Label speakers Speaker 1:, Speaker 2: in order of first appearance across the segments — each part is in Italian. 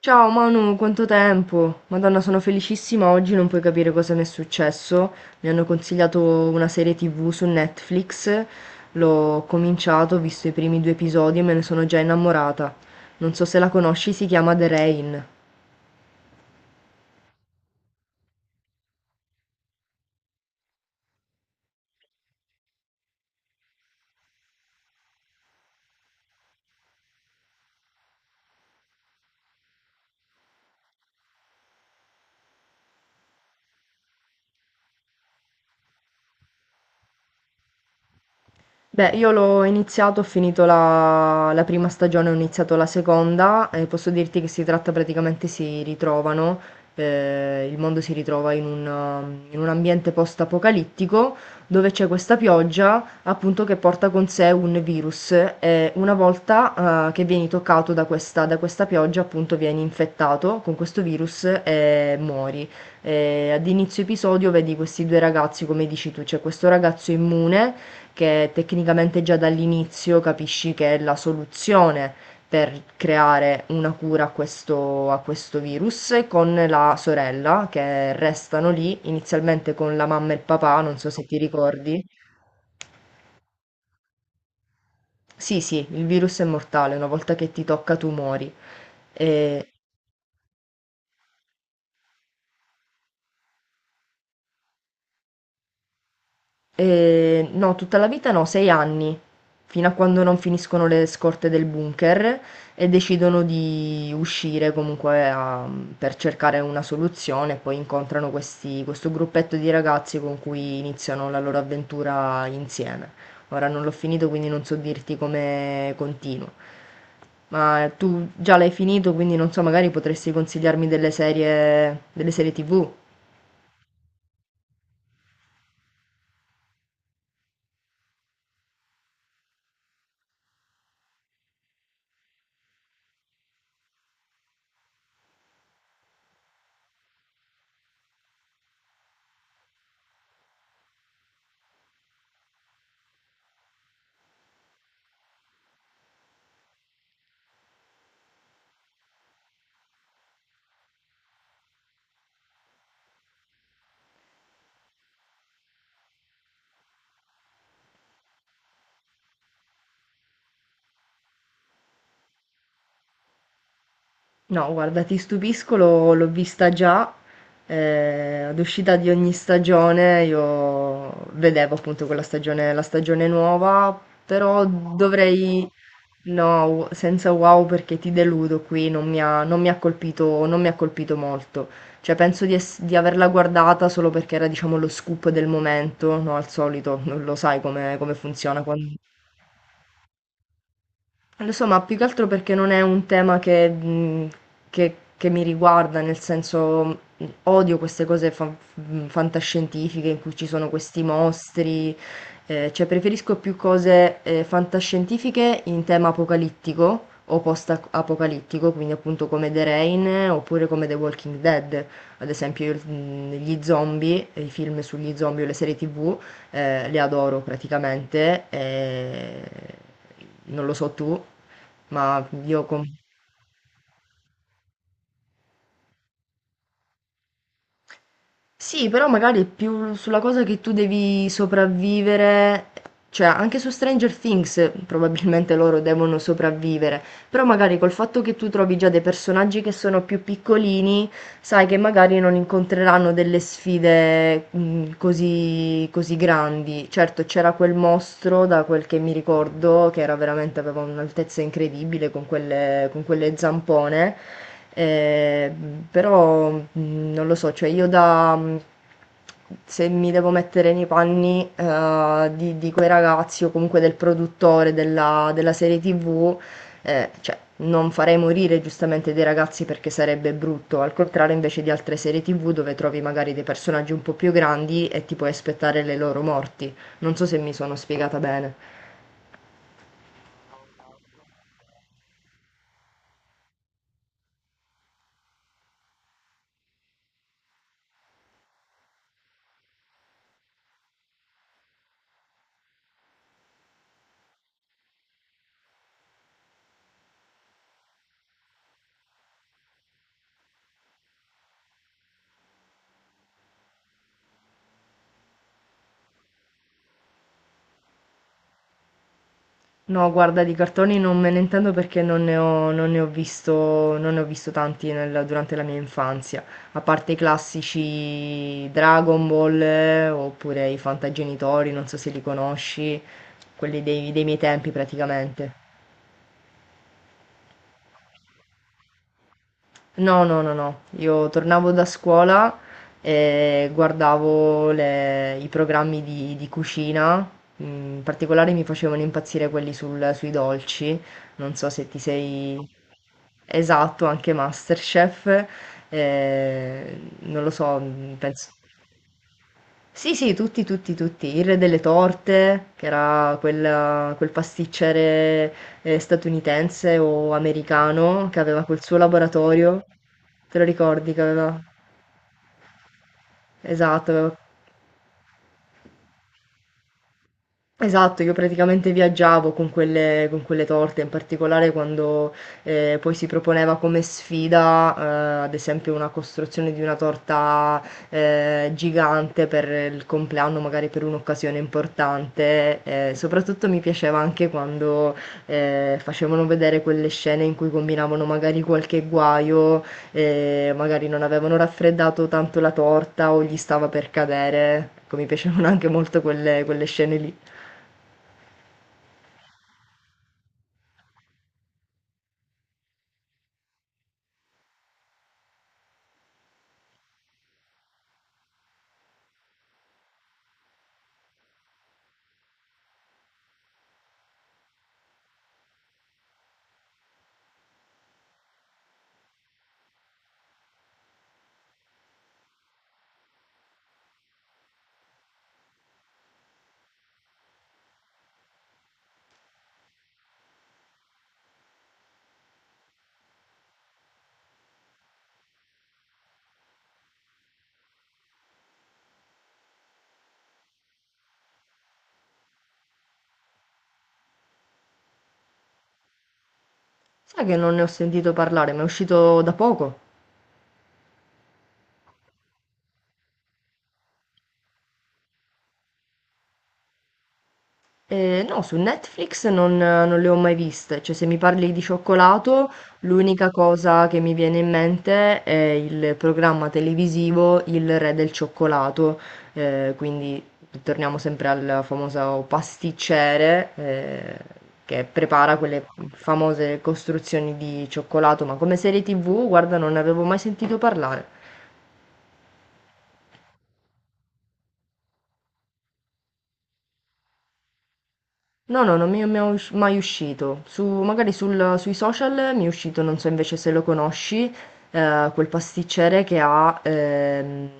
Speaker 1: Ciao Manu, quanto tempo? Madonna, sono felicissima, oggi non puoi capire cosa mi è successo. Mi hanno consigliato una serie TV su Netflix, l'ho cominciato, ho visto i primi 2 episodi e me ne sono già innamorata. Non so se la conosci, si chiama The Rain. Beh, io l'ho iniziato, ho finito la prima stagione, ho iniziato la seconda e posso dirti che si tratta praticamente, si ritrovano, il mondo si ritrova in un, in un ambiente post-apocalittico dove c'è questa pioggia appunto che porta con sé un virus e una volta che vieni toccato da questa pioggia appunto vieni infettato con questo virus e muori. Ad inizio episodio vedi questi due ragazzi, come dici tu, c'è questo ragazzo immune che tecnicamente già dall'inizio capisci che è la soluzione per creare una cura a questo virus con la sorella che restano lì, inizialmente con la mamma e il papà, non so se ti ricordi. Sì, sì, il virus è mortale, una volta che ti tocca tu muori. E- no, tutta la vita no, 6 anni, fino a quando non finiscono le scorte del bunker e decidono di uscire comunque a per cercare una soluzione e poi incontrano questi questo gruppetto di ragazzi con cui iniziano la loro avventura insieme. Ora non l'ho finito, quindi non so dirti come continua. Ma tu già l'hai finito, quindi non so, magari potresti consigliarmi delle serie TV? No, guarda, ti stupisco, l'ho vista già, ad uscita di ogni stagione io vedevo appunto quella stagione, la stagione nuova, però dovrei, no, senza wow perché ti deludo qui, non mi ha colpito, non mi ha colpito molto, cioè penso di, di averla guardata solo perché era diciamo lo scoop del momento, no, al solito, non lo sai come, come funziona lo so, ma più che altro perché non è un tema che, che mi riguarda, nel senso odio queste cose fantascientifiche in cui ci sono questi mostri, cioè preferisco più cose fantascientifiche in tema apocalittico o post-apocalittico, quindi appunto come The Rain, oppure come The Walking Dead, ad esempio io, gli zombie, i film sugli zombie o le serie TV. Le adoro praticamente. Non lo so tu, ma io con... Sì, però magari è più sulla cosa che tu devi sopravvivere, cioè anche su Stranger Things, probabilmente loro devono sopravvivere, però magari col fatto che tu trovi già dei personaggi che sono più piccolini, sai che magari non incontreranno delle sfide, così così grandi. Certo, c'era quel mostro, da quel che mi ricordo, che era veramente aveva un'altezza incredibile con quelle zampone, però, non lo so, cioè io da se mi devo mettere nei panni, di quei ragazzi o comunque del produttore della serie TV, cioè, non farei morire giustamente dei ragazzi perché sarebbe brutto, al contrario invece di altre serie TV dove trovi magari dei personaggi un po' più grandi e ti puoi aspettare le loro morti. Non so se mi sono spiegata bene. No, guarda, di cartoni non me ne intendo perché non ne ho visto, non ne ho visto tanti durante la mia infanzia, a parte i classici Dragon Ball, oppure i Fantagenitori, non so se li conosci, quelli dei miei tempi praticamente. No, no, no, no. Io tornavo da scuola e guardavo i programmi di cucina. In particolare mi facevano impazzire quelli sui dolci. Non so se ti sei... Esatto, anche MasterChef. Non lo so, penso... Sì, sì, tutti, tutti, tutti. Il re delle torte, che era quel pasticcere statunitense o americano che aveva quel suo laboratorio. Te lo ricordi che aveva? Esatto, aveva Esatto, io praticamente viaggiavo con quelle torte, in particolare quando, poi si proponeva come sfida, ad esempio una costruzione di una torta, gigante per il compleanno, magari per un'occasione importante, soprattutto mi piaceva anche quando, facevano vedere quelle scene in cui combinavano magari qualche guaio, magari non avevano raffreddato tanto la torta o gli stava per cadere. Ecco, mi piacevano anche molto quelle scene lì. Sai che non ne ho sentito parlare, ma è uscito da poco? No, su Netflix non le ho mai viste, cioè se mi parli di cioccolato, l'unica cosa che mi viene in mente è il programma televisivo Il Re del Cioccolato, quindi torniamo sempre al famoso pasticciere, che prepara quelle famose costruzioni di cioccolato, ma come serie TV, guarda, non ne avevo mai sentito parlare. No, no, non mi è mai uscito. Su magari sul sui social mi è uscito, non so invece se lo conosci, quel pasticcere che ha,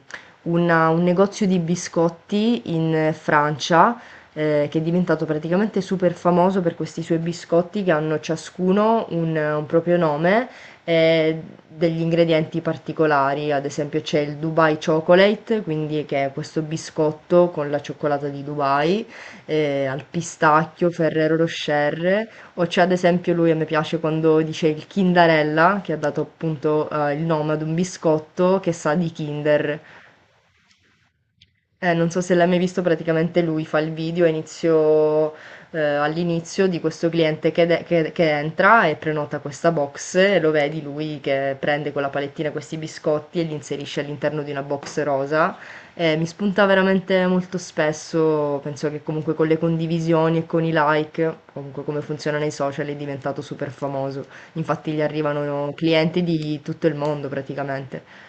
Speaker 1: una un negozio di biscotti in Francia, che è diventato praticamente super famoso per questi suoi biscotti che hanno ciascuno un proprio nome e degli ingredienti particolari. Ad esempio c'è il Dubai Chocolate, quindi che è questo biscotto con la cioccolata di Dubai, al pistacchio, Ferrero Rocher, o c'è ad esempio lui, a me piace quando dice il Kindarella, che ha dato appunto il nome ad un biscotto che sa di Kinder. Non so se l'hai mai visto, praticamente lui fa il video a inizio, all'inizio di questo cliente che, che entra e prenota questa box e lo vedi lui che prende con la palettina questi biscotti e li inserisce all'interno di una box rosa. Mi spunta veramente molto spesso, penso che comunque con le condivisioni e con i like, comunque come funziona nei social, è diventato super famoso. Infatti gli arrivano clienti di tutto il mondo praticamente.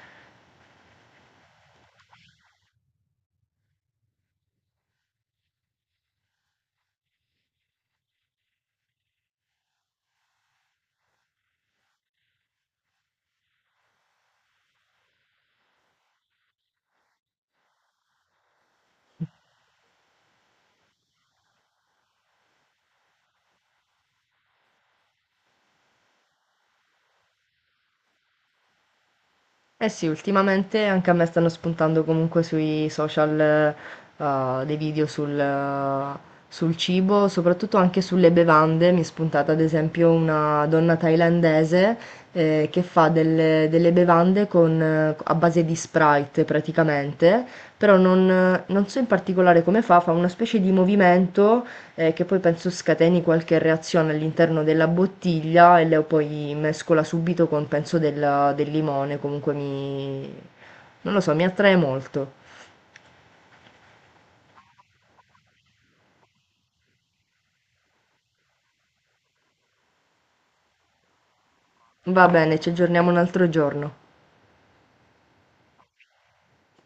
Speaker 1: Eh sì, ultimamente anche a me stanno spuntando comunque sui social, dei video sul cibo, soprattutto anche sulle bevande. Mi è spuntata ad esempio una donna thailandese, che fa delle bevande con, a base di Sprite praticamente, però non so in particolare come fa, fa una specie di movimento, che poi penso scateni qualche reazione all'interno della bottiglia e la poi mescola subito con penso del limone, comunque mi... non lo so, mi attrae molto. Va bene, ci aggiorniamo un altro giorno.